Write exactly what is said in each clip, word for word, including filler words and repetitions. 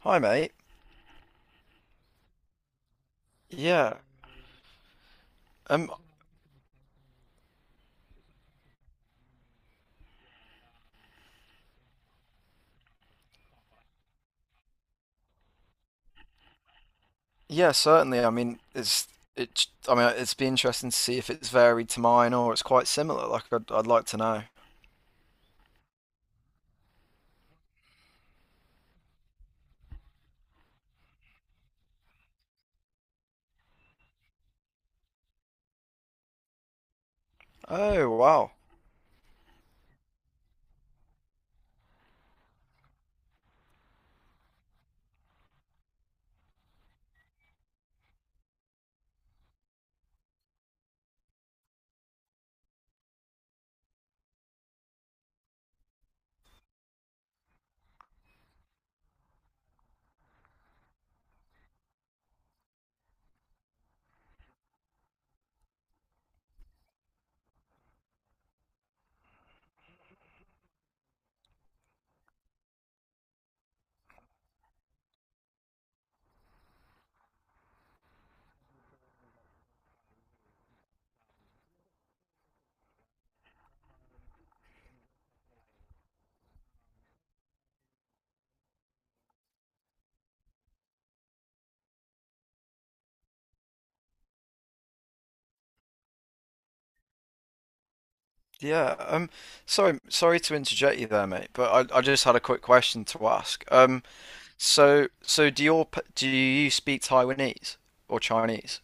Hi, mate. Yeah. Um. Yeah, certainly. I mean, it's it's. I mean, it's be interesting to see if it's varied to mine or it's quite similar. Like, I'd I'd like to know. Oh, wow. Yeah. Um. Sorry. Sorry to interject you there, mate. But I I just had a quick question to ask. Um. So so do your p- do you speak Taiwanese or Chinese?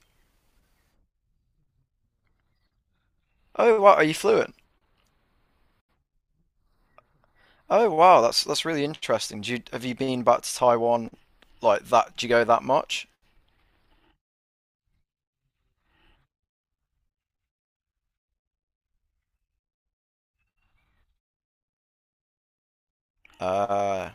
Oh, wow. Are you fluent? Oh, wow. That's that's really interesting. Do you have you been back to Taiwan like that? Do you go that much? Uh.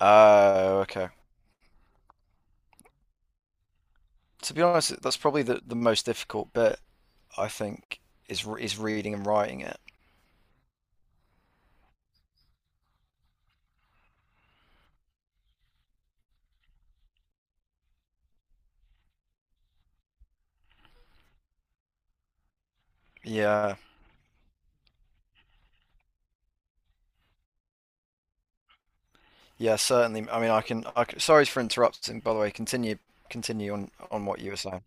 Oh, okay. To be honest, that's probably the, the most difficult bit, I think, is is reading and writing it. Yeah, yeah, certainly. I mean, I can, I can, sorry for interrupting, by the way. Continue, continue on on what you were saying.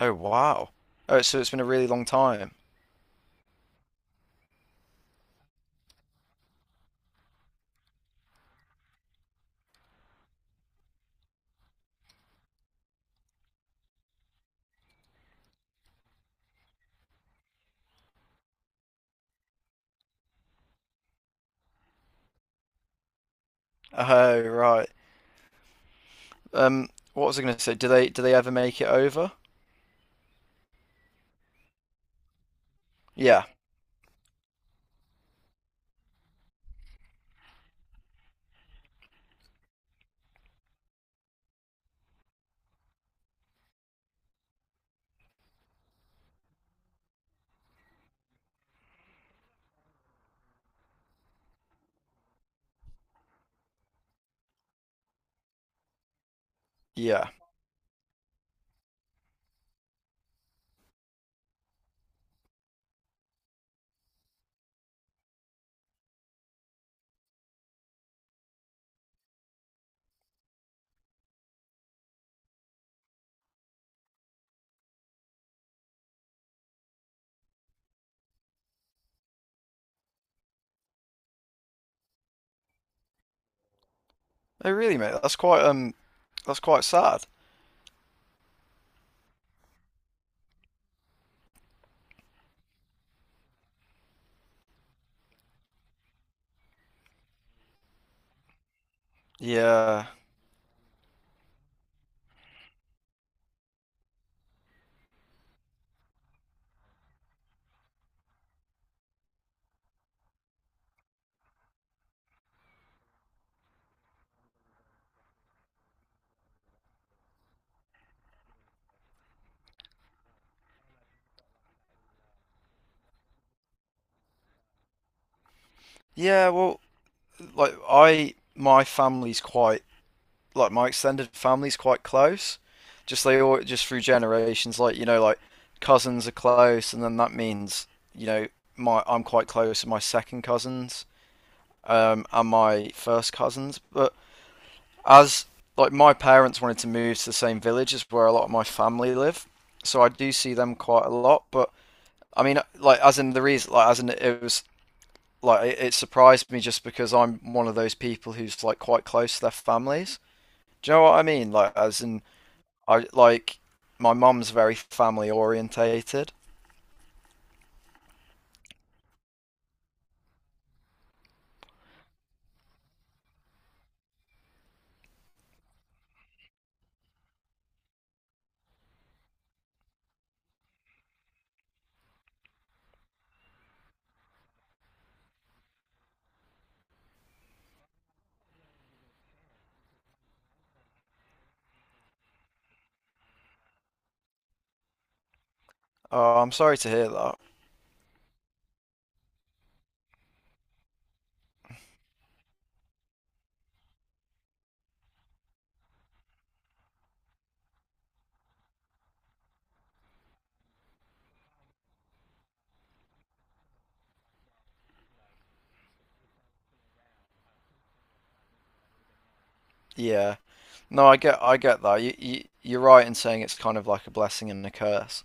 Oh, wow. Oh, so it's been a really long time. Oh, right. Um, what was I going to say? Do they do they ever make it over? Yeah, yeah. Oh, really, mate? That's quite um, that's quite sad. Yeah, yeah. Well, like I, my family's quite like my extended family's quite close. Just they all just through generations, like you know, like cousins are close, and then that means you know my I'm quite close to my second cousins um, and my first cousins. But as like my parents wanted to move to the same village as where a lot of my family live, so I do see them quite a lot. But I mean, like as in the reason, like as in it was like it, it surprised me just because I'm one of those people who's like quite close to their families. Do you know what I mean? Like as in I like my mum's very family orientated. Oh, I'm sorry to hear that. Yeah. No, I get I get that. You, you you're right in saying it's kind of like a blessing and a curse.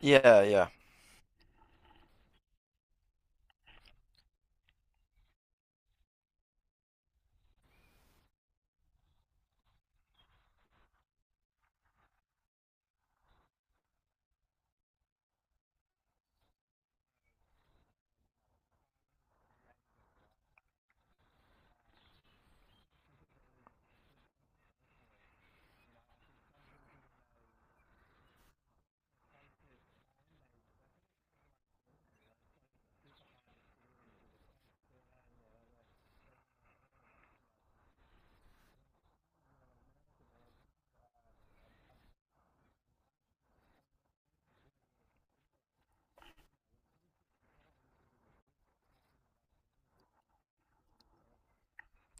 Yeah, yeah.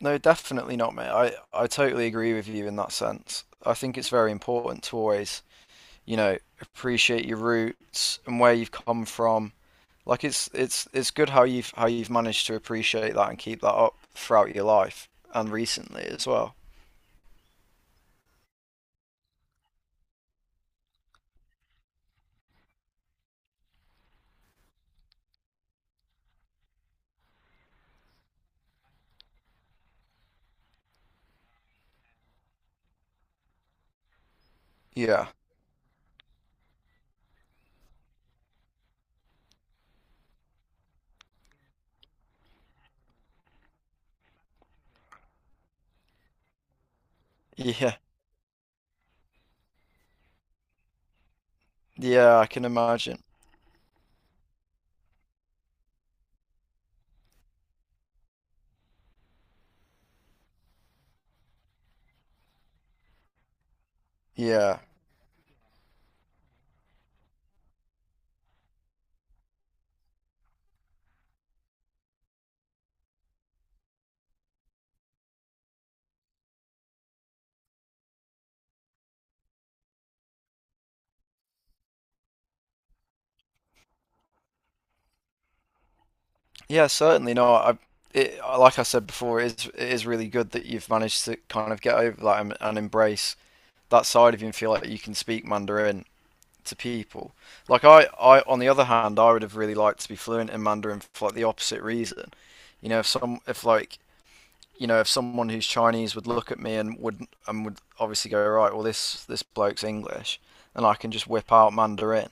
No, definitely not, mate. I I totally agree with you in that sense. I think it's very important to always, you know, appreciate your roots and where you've come from. Like it's it's it's good how you've how you've managed to appreciate that and keep that up throughout your life and recently as well. Yeah. Yeah. Yeah, I can imagine. Yeah. Yeah, certainly. No, I it like I said before, it is it is really good that you've managed to kind of get over that and, and embrace that side of you and feel like you can speak Mandarin to people. Like I, I on the other hand, I would have really liked to be fluent in Mandarin for like the opposite reason. You know, if some if like you know, if someone who's Chinese would look at me and would and would obviously go, right, well this this bloke's English and I can just whip out Mandarin.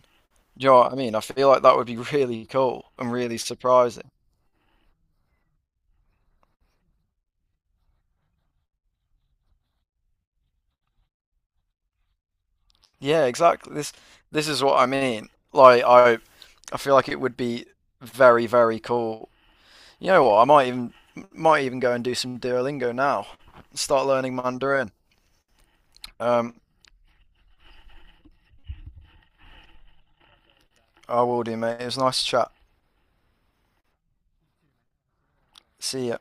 Do you know what I mean? I feel like that would be really cool and really surprising. Yeah, exactly. This this is what I mean. Like I I feel like it would be very, very cool. You know what? I might even might even go and do some Duolingo now. Start learning Mandarin. Um, I will do, mate. It was nice to chat. See ya.